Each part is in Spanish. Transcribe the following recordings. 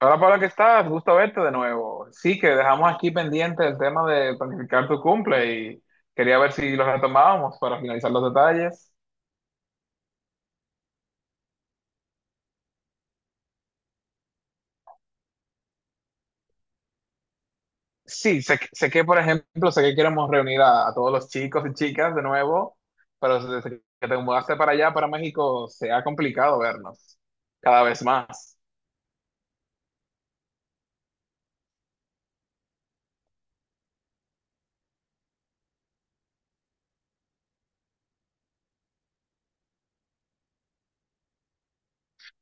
Hola Pablo, ¿qué estás? Gusto verte de nuevo. Sí, que dejamos aquí pendiente el tema de planificar tu cumple y quería ver si lo retomábamos para finalizar los detalles. Sí, sé que, por ejemplo, sé que queremos reunir a, todos los chicos y chicas de nuevo, pero desde que te mudaste para allá, para México, se ha complicado vernos cada vez más.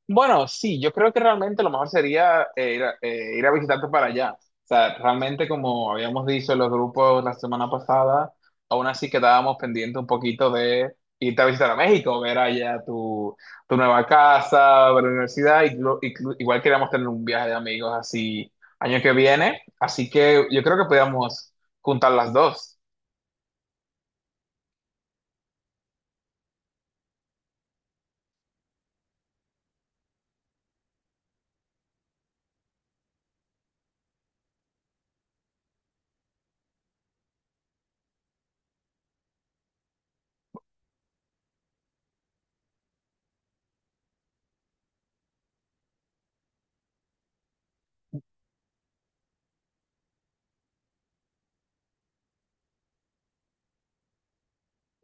Bueno, sí, yo creo que realmente lo mejor sería ir a, visitarte para allá. O sea, realmente como habíamos dicho en los grupos la semana pasada, aún así quedábamos pendientes un poquito de irte a visitar a México, ver allá tu nueva casa, ver la universidad, y igual queríamos tener un viaje de amigos así año que viene, así que yo creo que podíamos juntar las dos.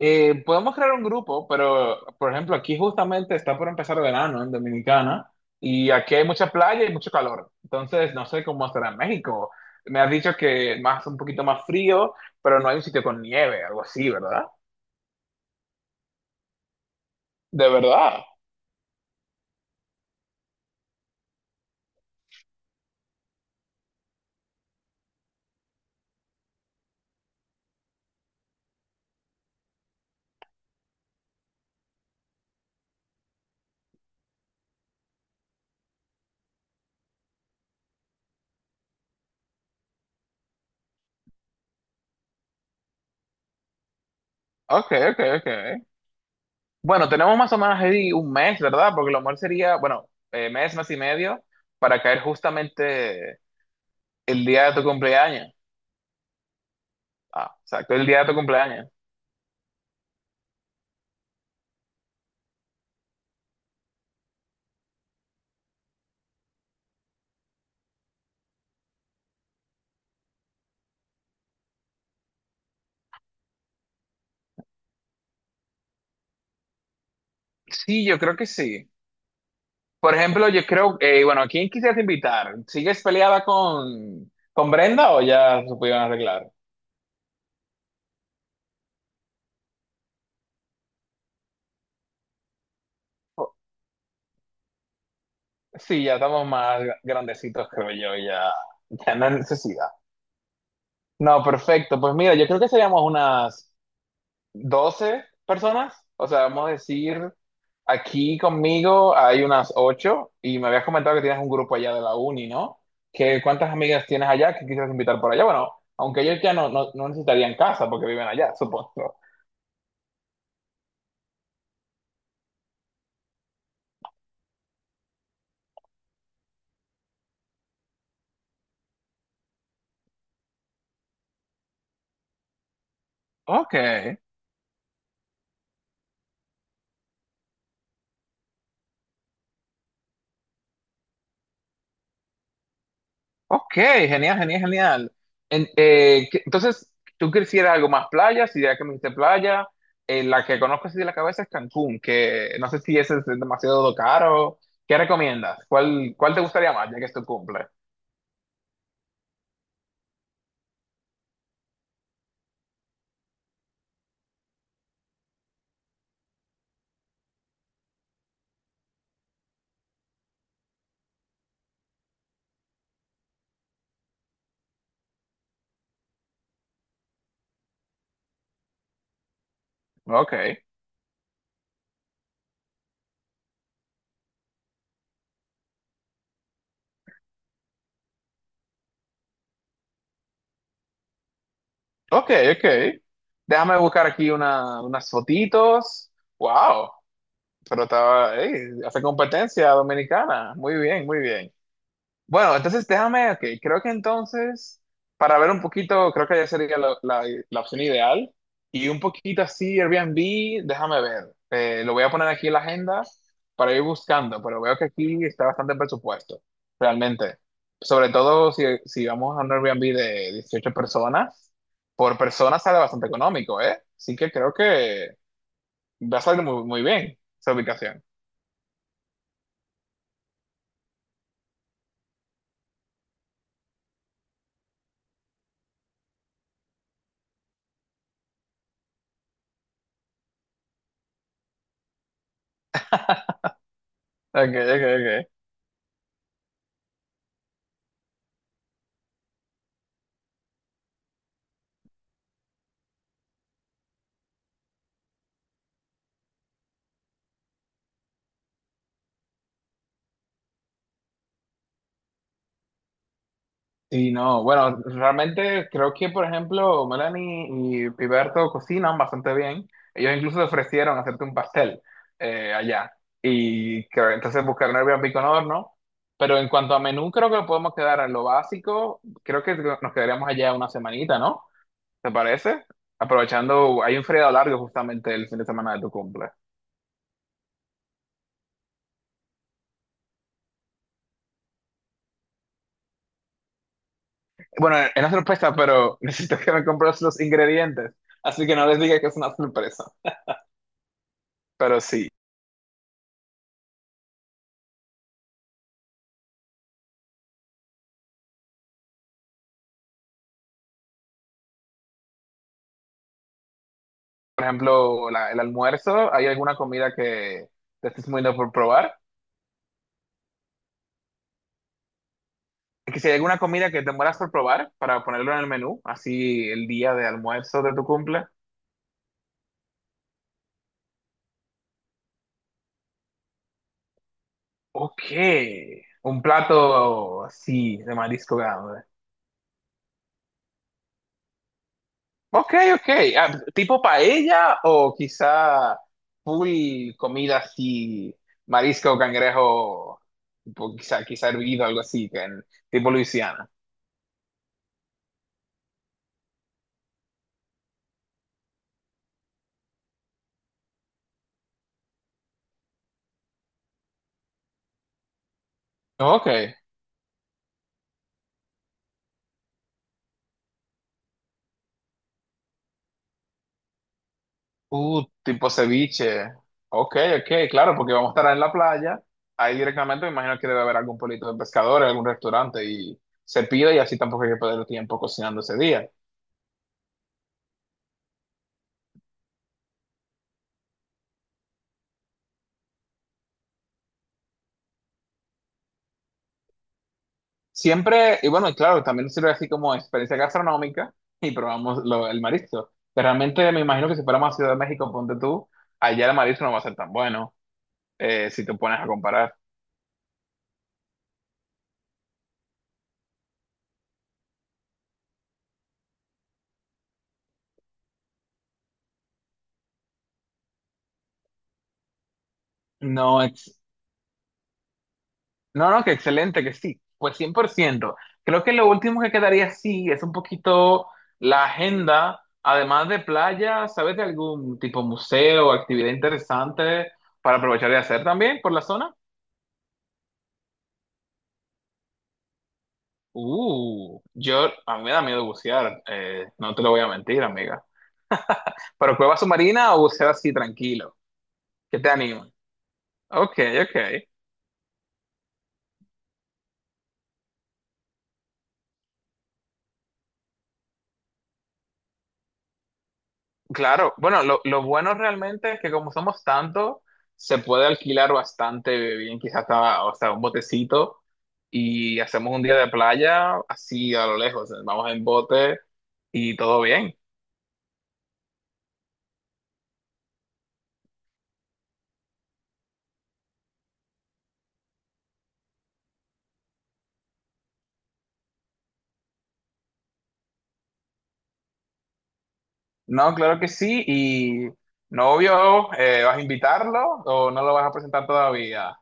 Podemos crear un grupo, pero por ejemplo, aquí justamente está por empezar verano en Dominicana y aquí hay mucha playa y mucho calor. Entonces, no sé cómo será en México. Me has dicho que más un poquito más frío, pero no hay un sitio con nieve, algo así, ¿verdad? De verdad. Ok, ok, ok. Bueno, tenemos más o menos ahí un mes, ¿verdad? Porque lo mejor sería, bueno, mes, mes y medio, para caer justamente el día de tu cumpleaños. Ah, exacto, el día de tu cumpleaños. Sí, yo creo que sí. Por ejemplo, yo creo, bueno, ¿a quién quisieras invitar? ¿Sigues peleada con Brenda o ya se pudieron arreglar? O- Sí, ya estamos más grandecitos, creo yo, ya no hay necesidad. No, perfecto. Pues mira, yo creo que seríamos unas 12 personas. O sea, vamos a decir, aquí conmigo hay unas 8 y me habías comentado que tienes un grupo allá de la uni, ¿no? ¿Qué, cuántas amigas tienes allá que quisieras invitar por allá? Bueno, aunque ellos ya no necesitarían casa porque viven allá, supongo. Ok. Ok, genial, genial, genial. Entonces, tú quisieras algo más playa, si ya que me dijiste playa, la que conozco así de la cabeza es Cancún, que no sé si ese es demasiado caro. ¿Qué recomiendas? ¿Cuál te gustaría más, ya que es tu cumple? Ok, ok, ok. Déjame buscar aquí unas fotitos. Wow, pero estaba, ey, hace competencia dominicana. Muy bien, muy bien. Bueno, entonces déjame, ok, creo que entonces, para ver un poquito, creo que ya sería la opción ideal. Y un poquito así, Airbnb, déjame ver. Lo voy a poner aquí en la agenda para ir buscando, pero veo que aquí está bastante presupuesto, realmente. Sobre todo si vamos a un Airbnb de 18 personas, por persona sale bastante económico, ¿eh? Así que creo que va a salir muy, muy bien esa ubicación. Ok, ok, ok. Sí, no, bueno, realmente creo que, por ejemplo, Melanie y Piberto cocinan bastante bien. Ellos incluso ofrecieron hacerte un pastel allá. Y creo, entonces buscar un Airbnb con horno. Pero en cuanto a menú, creo que podemos quedar en lo básico. Creo que nos quedaríamos allá una semanita, ¿no? ¿Te parece? Aprovechando, hay un feriado largo justamente el fin de semana de tu cumple. Bueno, es una sorpresa, pero necesito que me compres los ingredientes. Así que no les diga que es una sorpresa. Pero sí. Por ejemplo, el almuerzo, ¿hay alguna comida que te estés muriendo por probar? Que si hay alguna comida que te mueras por probar para ponerlo en el menú, así el día de almuerzo de tu cumple. Ok, un plato, sí, de marisco grande. Ok, ok. Ah, tipo paella o quizá full comida así, marisco, cangrejo, tipo, quizá hervido, algo así, que tipo Luisiana. Ok. Tipo ceviche. Ok, ok, claro, porque vamos a estar en la playa. Ahí directamente me imagino que debe haber algún pueblito de pescadores, algún restaurante y se pide y así tampoco hay que perder tiempo cocinando ese día. Siempre, y bueno, y claro, también sirve así como experiencia gastronómica y probamos el marisco. Pero realmente me imagino que si fuéramos a Ciudad de México, ponte tú, allá el marisco no va a ser tan bueno si te pones a comparar. No, no, no, que excelente, que sí, pues 100%. Creo que lo último que quedaría sí es un poquito la agenda, además de playa, ¿sabes de algún tipo museo, o actividad interesante para aprovechar y hacer también por la zona? A mí me da miedo bucear, no te lo voy a mentir, amiga. Pero cueva submarina o bucear así tranquilo, que te animo. Ok, ok. Claro, bueno, lo bueno realmente es que como somos tantos, se puede alquilar bastante bien, quizás hasta un botecito y hacemos un día de playa así a lo lejos, vamos en bote y todo bien. No, claro que sí, y novio, ¿vas a invitarlo o no lo vas a presentar todavía?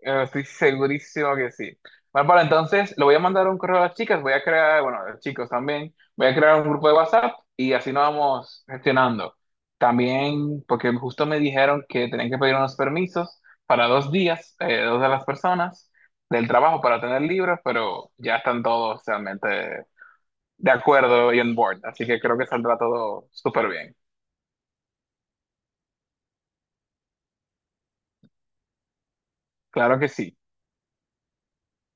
Estoy segurísimo que sí. Bárbara, entonces le voy a mandar un correo a las chicas, voy a crear, bueno, a los chicos también, voy a crear un grupo de WhatsApp y así nos vamos gestionando. También, porque justo me dijeron que tenían que pedir unos permisos para 2 días, dos de las personas del trabajo para tener libros, pero ya están todos realmente de acuerdo y on board, así que creo que saldrá todo súper bien. Claro que sí.